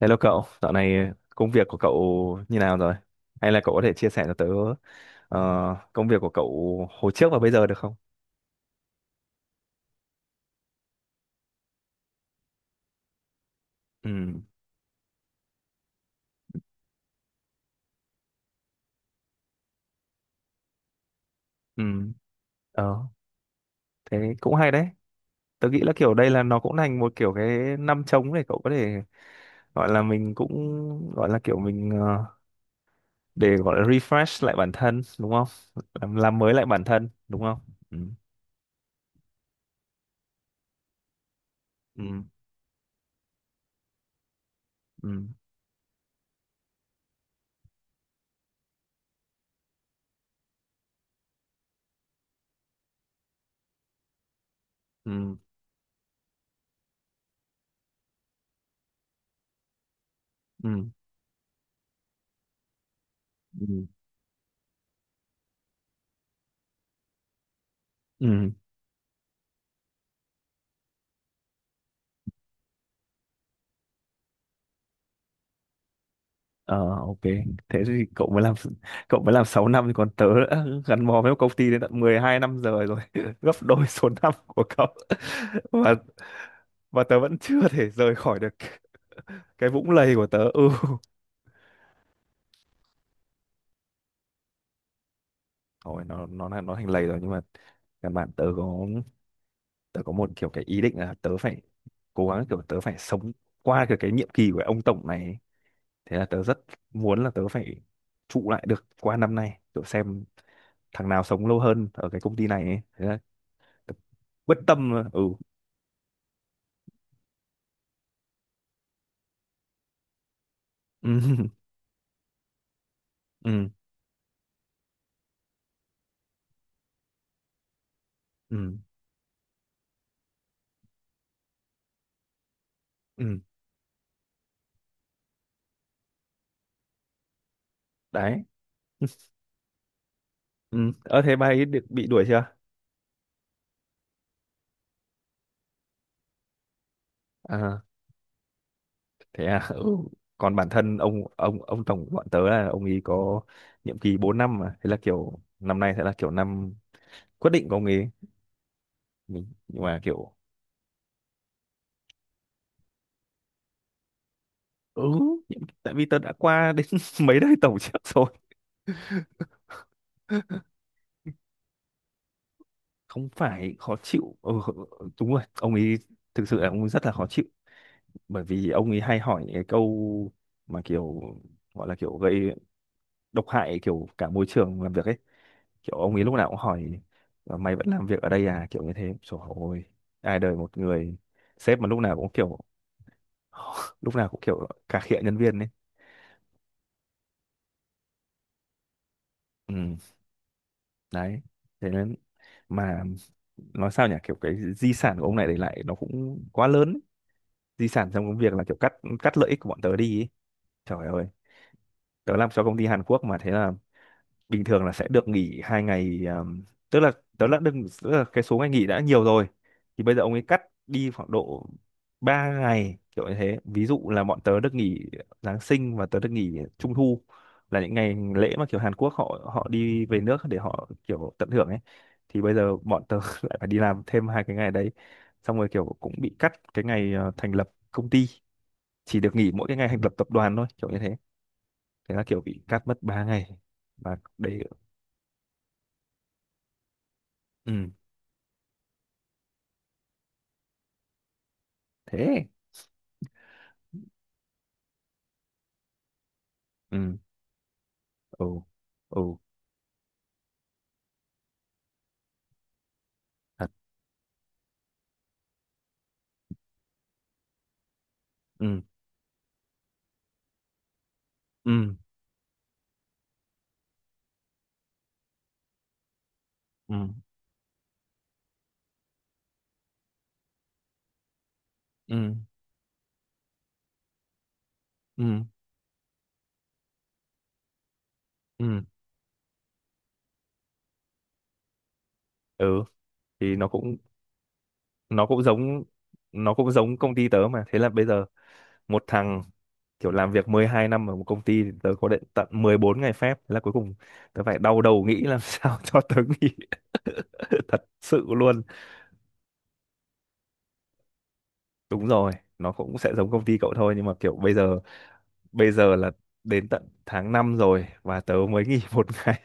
Hello cậu, dạo này công việc của cậu như nào rồi? Hay là cậu có thể chia sẻ cho tớ công việc của cậu hồi trước và bây giờ được không? Ừ, ừ, ờ, Thế cũng hay đấy. Tớ nghĩ là kiểu đây là nó cũng thành một kiểu cái năm trống để cậu có thể gọi là mình cũng gọi là kiểu mình, để gọi là refresh lại bản thân đúng không? Làm mới lại bản thân đúng không? Ừ, ừ, ừ, ừ, ừ, ừ. ừ. Ờ, ok, thế thì cậu mới làm cậu mới làm 6 năm thì còn tớ đã gắn bó với một công ty đến tận 12 năm rồi rồi, gấp đôi số năm của cậu. Và và tớ vẫn chưa thể rời khỏi được cái vũng lầy của tớ. Ừ. Thôi nó thành lầy rồi, nhưng mà căn bản tớ có một kiểu cái ý định là tớ phải cố gắng kiểu tớ phải sống qua cái nhiệm kỳ của ông tổng này. Thế là tớ rất muốn là tớ phải trụ lại được qua năm nay, kiểu xem thằng nào sống lâu hơn ở cái công ty này ấy. Thế là quyết tâm mà. Ừ ừ ừ ừ ừ Đấy. ừ Ơ thế bà ấy được bị đuổi chưa? À thế à ừ Còn bản thân ông tổng của bọn tớ là ông ấy có nhiệm kỳ 4 năm mà, thế là kiểu năm nay sẽ là kiểu năm quyết định của ông ấy mình, nhưng mà kiểu ừ tại vì tớ đã qua đến mấy đời tổng trước rồi. Không phải khó chịu, đúng rồi, ông ấy thực sự là ông ấy rất là khó chịu, bởi vì ông ấy hay hỏi những cái câu mà kiểu gọi là kiểu gây độc hại kiểu cả môi trường làm việc ấy, kiểu ông ấy lúc nào cũng hỏi: "Ờ, mày vẫn làm việc ở đây à?" kiểu như thế. Trời ơi, ai đời một người sếp mà lúc nào cũng kiểu lúc nào cũng kiểu cà khịa nhân viên ấy. ừ, Đấy, thế nên mà nói sao nhỉ, kiểu cái di sản của ông này để lại nó cũng quá lớn ấy. Di sản trong công việc là kiểu cắt cắt lợi ích của bọn tớ đi ấy. Trời ơi, tớ làm cho công ty Hàn Quốc mà, thế là bình thường là sẽ được nghỉ 2 ngày tức là đó là, đừng, tức là cái số ngày nghỉ đã nhiều rồi, thì bây giờ ông ấy cắt đi khoảng độ 3 ngày kiểu như thế. Ví dụ là bọn tớ được nghỉ Giáng sinh và tớ được nghỉ Trung thu, là những ngày lễ mà kiểu Hàn Quốc họ họ đi về nước để họ kiểu tận hưởng ấy, thì bây giờ bọn tớ lại phải đi làm thêm hai cái ngày đấy, xong rồi kiểu cũng bị cắt cái ngày, thành lập công ty, chỉ được nghỉ mỗi cái ngày thành lập tập đoàn thôi kiểu như thế. Thế là kiểu bị cắt mất 3 ngày và đấy. Ừ. thế ừ ừ ừ Thật. ừ ừ ừ ừ ừ ừ ừ thì nó cũng giống nó cũng giống công ty tớ mà, thế là bây giờ một thằng kiểu làm việc 12 năm ở một công ty thì tớ có đến tận 14 ngày phép, thế là cuối cùng tớ phải đau đầu nghĩ làm sao cho tớ nghỉ thật sự luôn. Đúng rồi, nó cũng sẽ giống công ty cậu thôi, nhưng mà kiểu bây giờ là đến tận tháng 5 rồi và tớ mới nghỉ một ngày,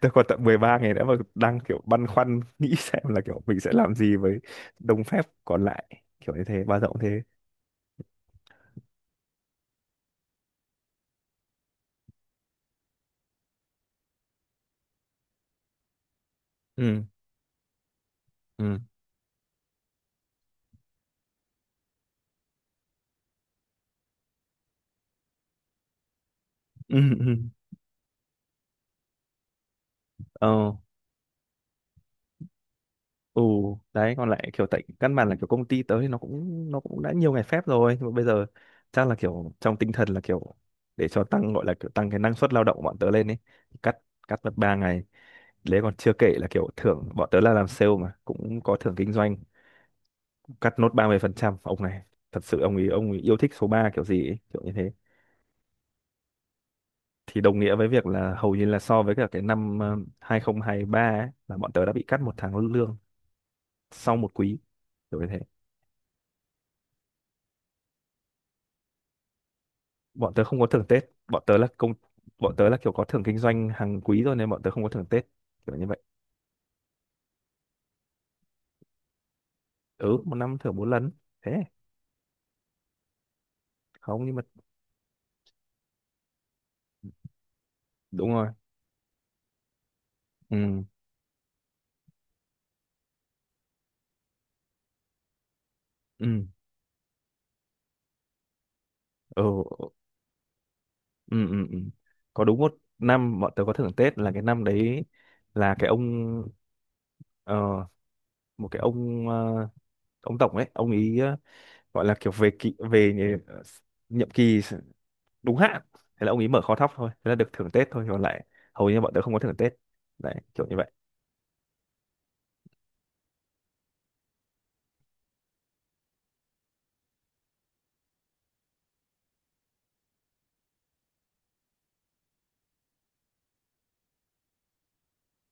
tớ còn tận 13 ngày nữa mà đang kiểu băn khoăn nghĩ xem là kiểu mình sẽ làm gì với đồng phép còn lại kiểu như thế, bao rộng thế. ừ ừ ừ ừ. ờ ừ Đấy, còn lại kiểu tại căn bản là kiểu công ty tớ thì nó cũng đã nhiều ngày phép rồi, nhưng mà bây giờ chắc là kiểu trong tinh thần là kiểu để cho tăng gọi là kiểu tăng cái năng suất lao động của bọn tớ lên ấy, cắt cắt mất 3 ngày. Đấy, còn chưa kể là kiểu thưởng, bọn tớ là làm sale mà cũng có thưởng kinh doanh, cắt nốt 30%. Ông này thật sự ông ấy, ông ấy yêu thích số 3 kiểu gì ấy, kiểu như thế. Thì đồng nghĩa với việc là hầu như là so với cả cái năm 2023 ấy, là bọn tớ đã bị cắt một tháng lương sau một quý kiểu như thế. Bọn tớ không có thưởng Tết, bọn tớ là công, bọn tớ là kiểu có thưởng kinh doanh hàng quý rồi nên bọn tớ không có thưởng Tết kiểu như vậy. Ừ, một năm thưởng 4 lần. Thế không, nhưng mà đúng rồi. ừ ừ ừ ừ. Có đúng một năm bọn tớ có thưởng Tết là cái năm đấy, là cái ông ờ, một cái ông ờ, ông tổng ấy, ông ý gọi là kiểu về kỳ về nhì- nhiệm kỳ đúng hạn, thế là ông ý mở kho thóc thôi, thế là được thưởng Tết thôi. Còn lại hầu như bọn tớ không có thưởng Tết đấy, kiểu như vậy.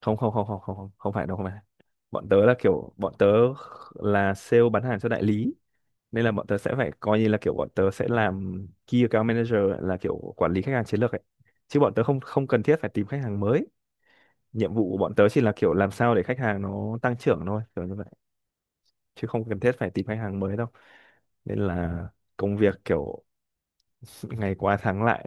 Không không không không không không không phải đâu, không phải, bọn tớ là sale bán hàng cho đại lý, nên là bọn tớ sẽ phải coi như là kiểu bọn tớ sẽ làm key account manager, là kiểu quản lý khách hàng chiến lược ấy, chứ bọn tớ không không cần thiết phải tìm khách hàng mới. Nhiệm vụ của bọn tớ chỉ là kiểu làm sao để khách hàng nó tăng trưởng thôi kiểu như vậy, chứ không cần thiết phải tìm khách hàng mới đâu. Nên là công việc kiểu ngày qua tháng lại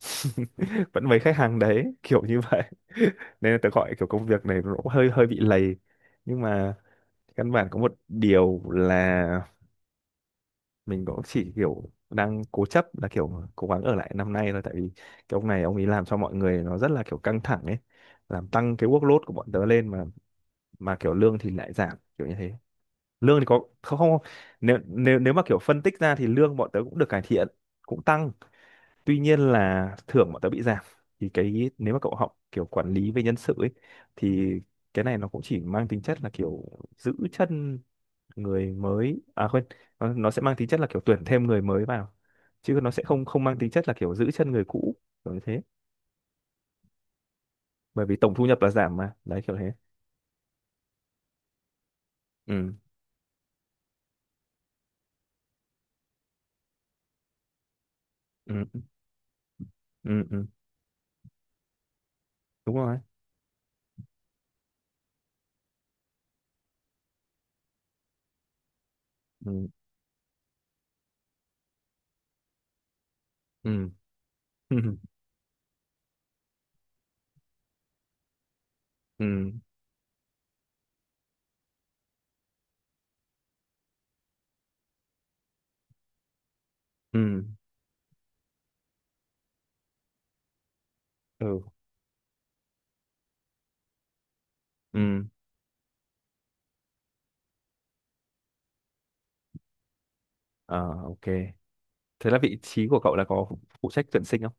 vẫn mấy khách hàng đấy kiểu như vậy. Nên là tớ gọi kiểu công việc này nó cũng hơi hơi bị lầy, nhưng mà căn bản có một điều là mình cũng chỉ kiểu đang cố chấp là kiểu cố gắng ở lại năm nay thôi, tại vì cái ông này ông ấy làm cho mọi người nó rất là kiểu căng thẳng ấy, làm tăng cái workload của bọn tớ lên mà kiểu lương thì lại giảm kiểu như thế. Lương thì có không không, nếu nếu nếu mà kiểu phân tích ra thì lương bọn tớ cũng được cải thiện, cũng tăng, tuy nhiên là thưởng bọn tớ bị giảm. Thì cái nếu mà cậu học kiểu quản lý về nhân sự ấy, thì cái này nó cũng chỉ mang tính chất là kiểu giữ chân người mới, à quên, nó sẽ mang tính chất là kiểu tuyển thêm người mới vào, chứ nó sẽ không không mang tính chất là kiểu giữ chân người cũ kiểu như thế. Bởi vì tổng thu nhập là giảm mà, đấy kiểu thế. ừ ừ ừ ừ Đúng rồi. ừ ừ ừ ừ ừ ừ ừ À, ok, thế là vị trí của cậu là có phụ phụ trách tuyển sinh không?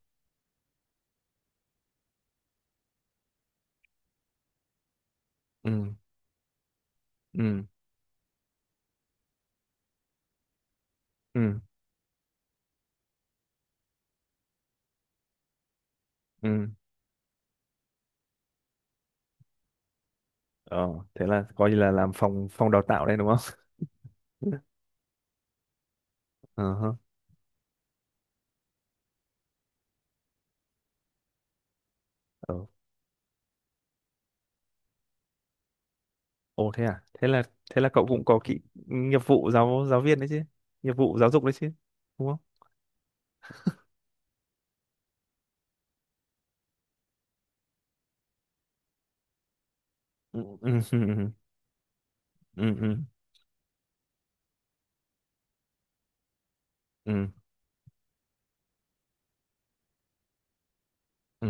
ừ ừ ừ ừ ờ Thế là coi như là làm phòng phòng đào tạo đây, đúng không? Ờ hơ. Ờ. Ồ, thế à? Thế là cậu cũng có kỹ nghiệp vụ giáo giáo viên đấy chứ. Nghiệp vụ giáo dục đấy chứ. Đúng không? Ừ ừ ừ ừ ừ ừ ừ,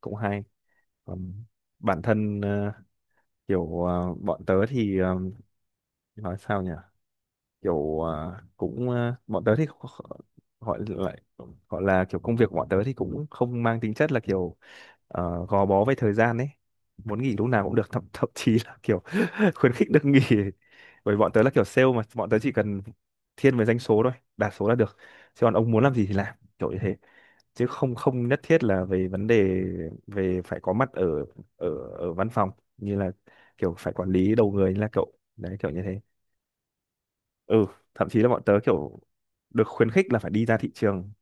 cũng hay. Còn bản thân, kiểu ờ, bọn tớ thì ờ, nói sao nhỉ? Kiểu à, cũng à, bọn tớ thì kh- gọi lại gọi là kiểu công việc của bọn tớ thì cũng không mang tính chất là kiểu gò bó với thời gian ấy, muốn nghỉ lúc nào cũng được, thậm chí là kiểu khuyến khích được nghỉ, bởi bọn tớ là kiểu sale mà, bọn tớ chỉ cần thiên về doanh số thôi, đạt số là được, chứ còn ông muốn làm gì thì làm kiểu như thế, chứ không không nhất thiết là về vấn đề về phải có mặt ở ở ở văn phòng, như là kiểu phải quản lý đầu người như là cậu đấy kiểu như thế. ừ Thậm chí là bọn tớ kiểu được khuyến khích là phải đi ra thị trường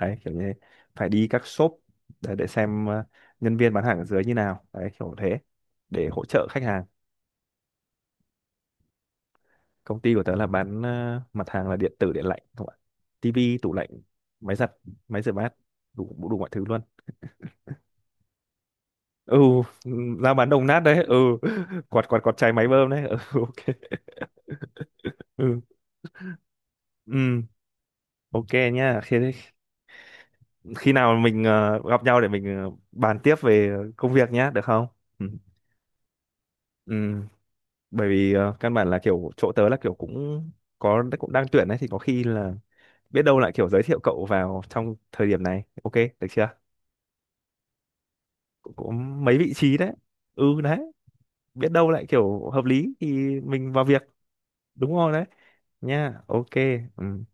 đấy, kiểu như phải đi các shop để xem nhân viên bán hàng ở dưới như nào đấy kiểu thế, để hỗ trợ khách hàng. Công ty của tớ là bán mặt hàng là điện tử điện lạnh không ạ, tivi, tủ lạnh, máy giặt, máy rửa bát, đủ đủ mọi thứ luôn. ừ Ra bán đồng nát đấy. Ừ quạt quạt quạt chai máy bơm đấy. Ừ ok. ừ ừ ok nha. Thế khi nào mình gặp nhau để mình bàn tiếp về công việc nhé, được không? Ừ. Ừ. Bởi vì căn bản là kiểu chỗ tớ là kiểu cũng có cũng đang tuyển đấy, thì có khi là biết đâu lại kiểu giới thiệu cậu vào trong thời điểm này. Ok, được chưa? Cũng có mấy vị trí đấy. Ừ, đấy, biết đâu lại kiểu hợp lý thì mình vào việc. Đúng rồi, đấy nha. Ok. Ừ.